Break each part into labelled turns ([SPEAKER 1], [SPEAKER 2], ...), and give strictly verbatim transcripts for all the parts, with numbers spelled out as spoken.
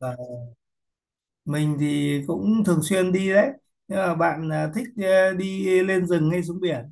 [SPEAKER 1] Dạ, mình thì cũng thường xuyên đi đấy. Nhưng mà bạn à, thích à, đi lên rừng hay xuống biển?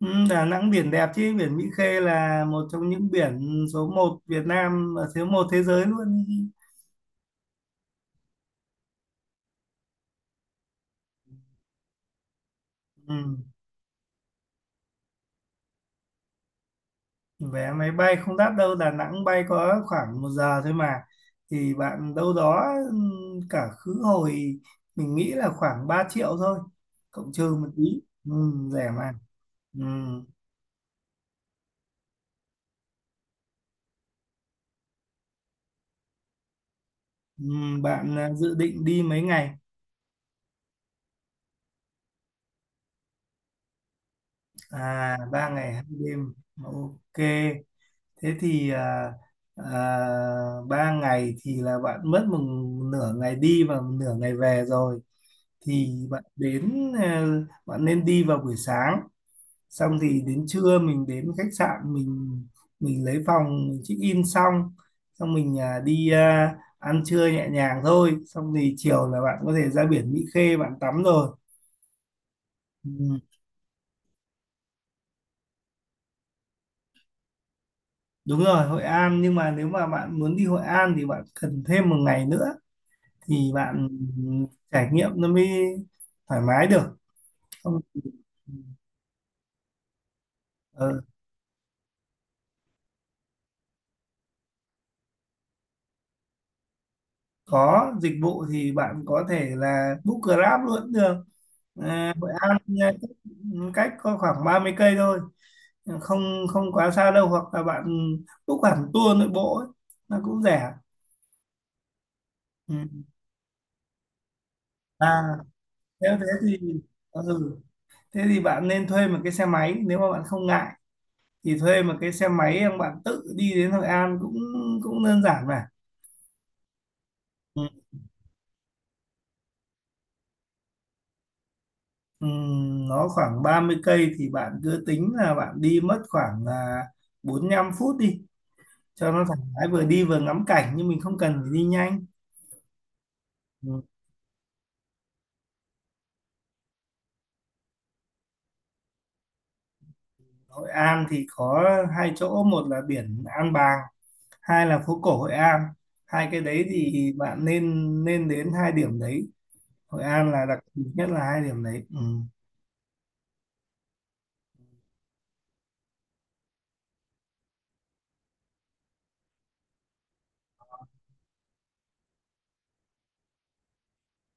[SPEAKER 1] Ừ, Đà Nẵng biển đẹp chứ, biển Mỹ Khê là một trong những biển số một Việt Nam và số một thế giới luôn. Ừ. Vé máy bay không đắt đâu, Đà Nẵng bay có khoảng một giờ thôi mà. Thì bạn đâu đó, ừ, cả khứ hồi mình nghĩ là khoảng ba triệu thôi, cộng trừ một tí. Ừ, rẻ mà. Ừ. Ừ, bạn à, dự định đi mấy ngày? À, ba ngày hai đêm. Ok. Thế thì à, à, ba ngày thì là bạn mất một nửa ngày đi và một nửa ngày về rồi. Thì bạn đến à, bạn nên đi vào buổi sáng. Xong thì đến trưa mình đến khách sạn, mình mình lấy phòng mình check in xong, xong mình à, đi à, ăn trưa nhẹ nhàng thôi. Xong thì chiều là bạn có thể ra biển Mỹ Khê bạn tắm rồi. Ừ. Đúng rồi, Hội An, nhưng mà nếu mà bạn muốn đi Hội An thì bạn cần thêm một ngày nữa thì bạn trải nghiệm nó mới thoải mái được. Không thì- ờ, Có dịch vụ thì bạn có thể là book Grab luôn cũng được. À, Hội An à, cách có khoảng ba mươi cây thôi, không không quá xa đâu, hoặc là bạn book hẳn tour nội bộ ấy, nó cũng rẻ. Ừ. À, nếu thế thì, ừ, thế thì bạn nên thuê một cái xe máy. Nếu mà bạn không ngại thì thuê một cái xe máy em bạn tự đi đến Hội An cũng cũng đơn giản mà. Ừ. Ừ, nó khoảng ba mươi cây thì bạn cứ tính là bạn đi mất khoảng à, bốn mươi lăm phút đi cho nó thoải mái, vừa đi vừa ngắm cảnh, nhưng mình không cần phải đi nhanh. Ừ. Hội An thì có hai chỗ, một là biển An Bàng, hai là phố cổ Hội An. Hai cái đấy thì bạn nên nên đến hai điểm đấy. Hội An là đặc biệt nhất là hai điểm đấy. Ừ.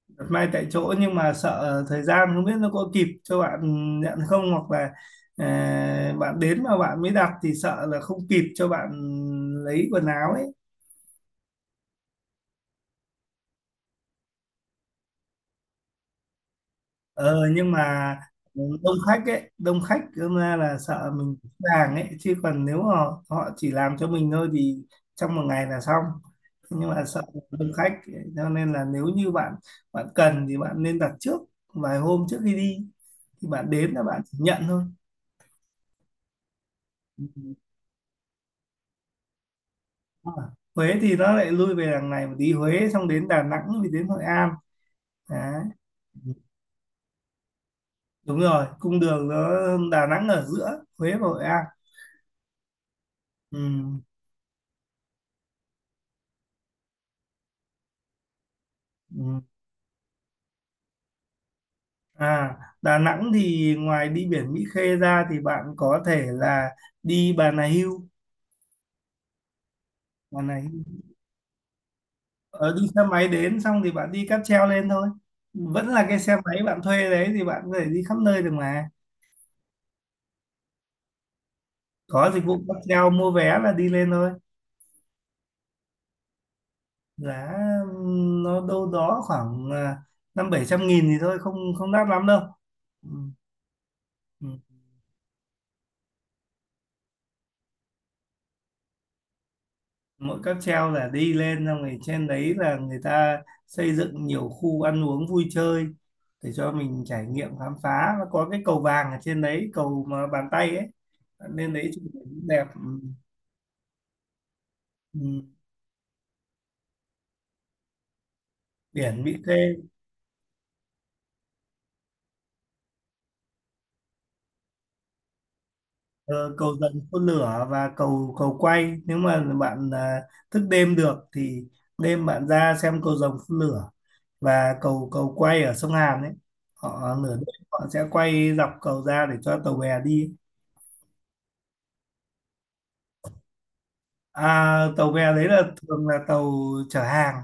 [SPEAKER 1] Đặt may tại chỗ, nhưng mà sợ thời gian không biết nó có kịp cho bạn nhận không. Hoặc là à, bạn đến mà bạn mới đặt thì sợ là không kịp cho bạn lấy quần áo ấy. ờ nhưng mà đông khách ấy đông khách đâm ra là sợ mình hàng ấy, chứ còn nếu mà họ chỉ làm cho mình thôi thì trong một ngày là xong, nhưng mà sợ đông khách. Cho nên là nếu như bạn bạn cần thì bạn nên đặt trước vài hôm trước khi đi, thì bạn đến là bạn chỉ nhận thôi. À, Huế thì nó lại lui về đằng này một tí. Huế xong đến Đà Nẵng thì đến Hội An đấy. Đúng rồi, cung đường nó, Đà Nẵng ở giữa Huế và Hội An. Ừ. Ừ. À, Đà Nẵng thì ngoài đi biển Mỹ Khê ra thì bạn có thể là đi Bà Nà Hưu Bà Nà Hưu ờ, Đi xe máy đến, xong thì bạn đi cáp treo lên thôi. Vẫn là cái xe máy bạn thuê đấy thì bạn có thể đi khắp nơi được mà. Có dịch vụ cáp treo, mua vé là đi lên thôi. Giá nó đâu đó khoảng à, năm bảy trăm nghìn thì thôi, không không đắt lắm đâu. Ừ. Ừ. Mỗi cáp treo là đi lên, xong rồi trên đấy là người ta xây dựng nhiều khu ăn uống vui chơi để cho mình trải nghiệm khám phá. Nó có cái cầu vàng ở trên đấy, cầu mà bàn tay ấy. Bạn lên đấy chụp ảnh cũng đẹp. Ừ. Ừ. Biển Mỹ Khê. ờ, Cầu dần phun lửa và cầu cầu quay. Nếu mà bạn à, thức đêm được thì đêm bạn ra xem cầu rồng phun lửa và cầu cầu quay ở sông Hàn ấy. Họ nửa đêm họ sẽ quay dọc cầu ra để cho tàu bè đi. À, tàu bè đấy là thường là tàu chở hàng.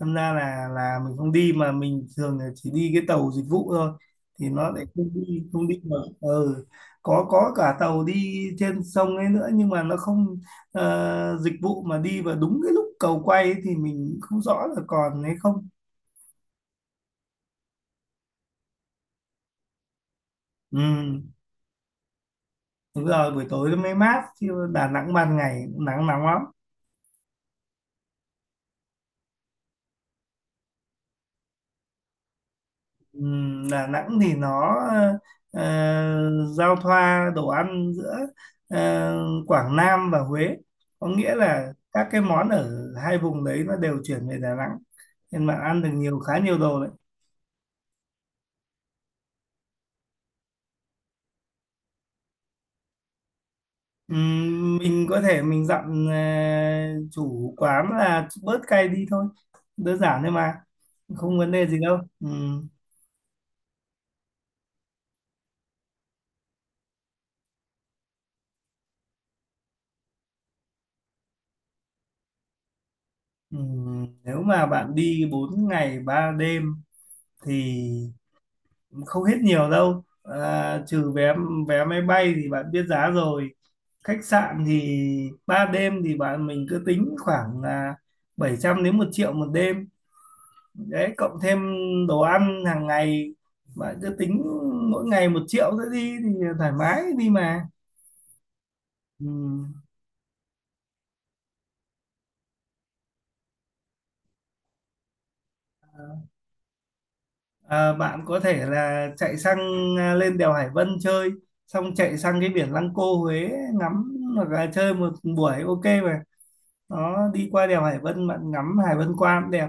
[SPEAKER 1] Thành ra là là mình không đi, mà mình thường là chỉ đi cái tàu dịch vụ thôi thì nó lại không đi không đi được. Ừ. có có cả tàu đi trên sông ấy nữa, nhưng mà nó không ờ, dịch vụ, mà đi vào đúng cái lúc cầu quay ấy thì mình không rõ là còn hay không. Ừ. Đúng rồi, buổi tối nó mới mát chứ Đà Nẵng ban ngày cũng nắng nóng lắm. Ừm, Đà Nẵng thì nó ờ, giao thoa đồ ăn giữa ờ, Quảng Nam và Huế. Có nghĩa là các cái món ở hai vùng đấy nó đều chuyển về Đà Nẵng. Nên bạn ăn được nhiều khá nhiều đồ đấy. Ừm, mình có thể mình dặn ờ, chủ quán là bớt cay đi thôi. Đơn giản thôi mà. Không vấn đề gì đâu. Ừm. Ừm, nếu mà bạn đi bốn ngày ba đêm thì không hết nhiều đâu. À, trừ vé vé máy bay thì bạn biết giá rồi. Khách sạn thì ba đêm thì bạn mình cứ tính khoảng là bảy trăm đến một triệu một đêm đấy, cộng thêm đồ ăn hàng ngày, bạn cứ tính mỗi ngày một triệu nữa đi thì thoải mái đi mà. Ừ. À, bạn có thể là chạy sang, à, lên đèo Hải Vân chơi, xong chạy sang cái biển Lăng Cô Huế ngắm, hoặc là chơi một buổi ok mà. Đó, đi qua đèo Hải Vân bạn ngắm Hải Vân qua cũng đẹp.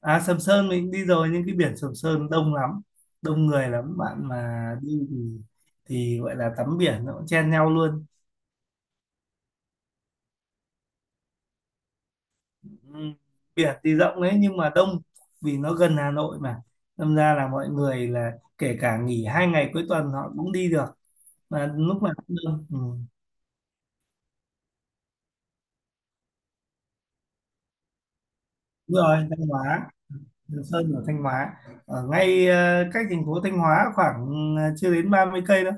[SPEAKER 1] à Sầm Sơn mình đi rồi nhưng cái biển Sầm Sơn đông lắm, đông người lắm. Bạn mà đi thì thì gọi là tắm biển nó cũng chen nhau luôn. Ừ. Biển thì rộng đấy nhưng mà đông, vì nó gần Hà Nội mà, đâm ra là mọi người là kể cả nghỉ hai ngày cuối tuần họ cũng đi được, mà lúc nào cũng đông. Ừ. Đúng rồi, Thanh Hóa. Sầm Sơn ở Thanh Hóa, ở ngay, ờ, cách thành phố Thanh Hóa khoảng ờ, chưa đến ba mươi cây đâu.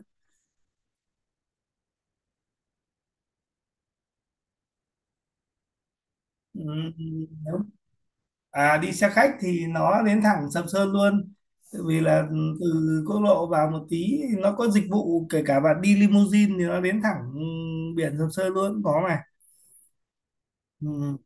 [SPEAKER 1] Ừ, ừ. nếu À, đi xe khách thì nó đến thẳng Sầm Sơn luôn. Tại vì là, ừ, từ quốc lộ vào một tí nó có dịch vụ, kể cả bạn đi limousine thì nó đến thẳng, ừ, biển Sầm Sơn luôn cũng có mà. Ừ,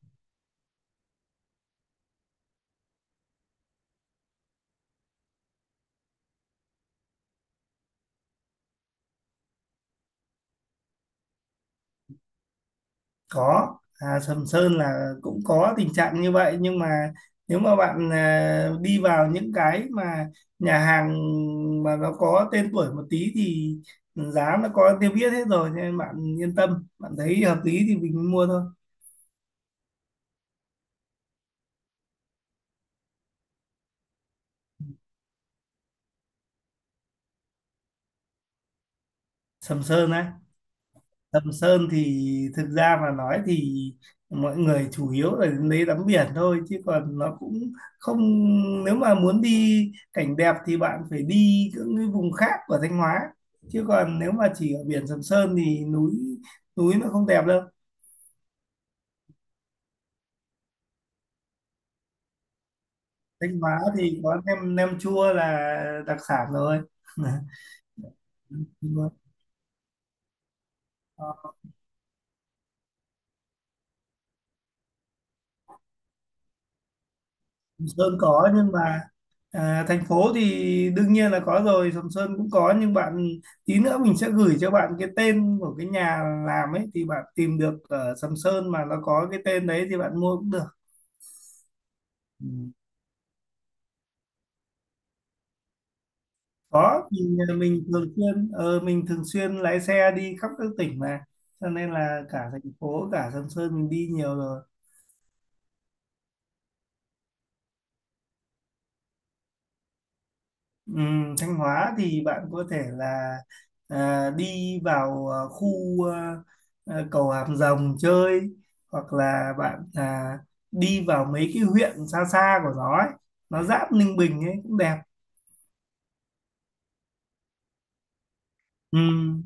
[SPEAKER 1] có. À, Sầm Sơn là cũng có tình trạng như vậy, nhưng mà nếu mà bạn à, đi vào những cái mà nhà hàng mà nó có tên tuổi một tí thì giá nó có tiêu biết hết rồi, cho nên bạn yên tâm. Bạn thấy hợp lý thì mình mua thôi. Sầm Sơn á. Sầm Sơn thì thực ra mà nói thì mọi người chủ yếu là đến đấy tắm biển thôi, chứ còn nó cũng không. Nếu mà muốn đi cảnh đẹp thì bạn phải đi những cái vùng khác của Thanh Hóa, chứ còn nếu mà chỉ ở biển Sầm Sơn thì núi núi nó không đẹp đâu. Thanh Hóa thì có nem nem chua là đặc sản rồi. Nem chua. Sầm Sơn có, nhưng mà à, thành phố thì đương nhiên là có rồi. Sầm Sơn cũng có, nhưng bạn tí nữa mình sẽ gửi cho bạn cái tên của cái nhà làm ấy, thì bạn tìm được ở Sầm Sơn mà nó có cái tên đấy thì bạn mua cũng được. Ừ. Có, mình mình thường xuyên ờ, mình thường xuyên lái xe đi khắp các tỉnh mà, cho nên là cả thành phố cả Sầm Sơn mình đi nhiều rồi. Ừm, Thanh Hóa thì bạn có thể là à, đi vào, à, khu, à, à, cầu Hàm Rồng chơi, hoặc là bạn à, đi vào mấy cái huyện xa xa của nó ấy. Nó giáp Ninh Bình ấy cũng đẹp. Ừm,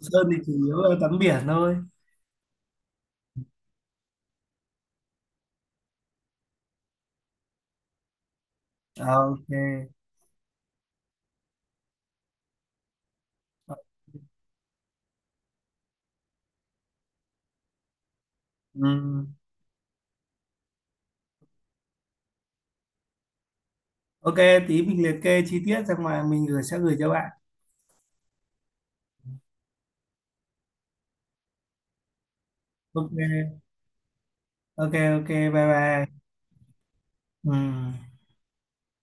[SPEAKER 1] Sơn thì chủ yếu là tắm biển thôi. Ờ, ok. Ừm, ok, tí mình liệt kê chi tiết xong mà mình gửi sẽ gửi cho bạn. Ok, ok, ok, bye bye. Ừm.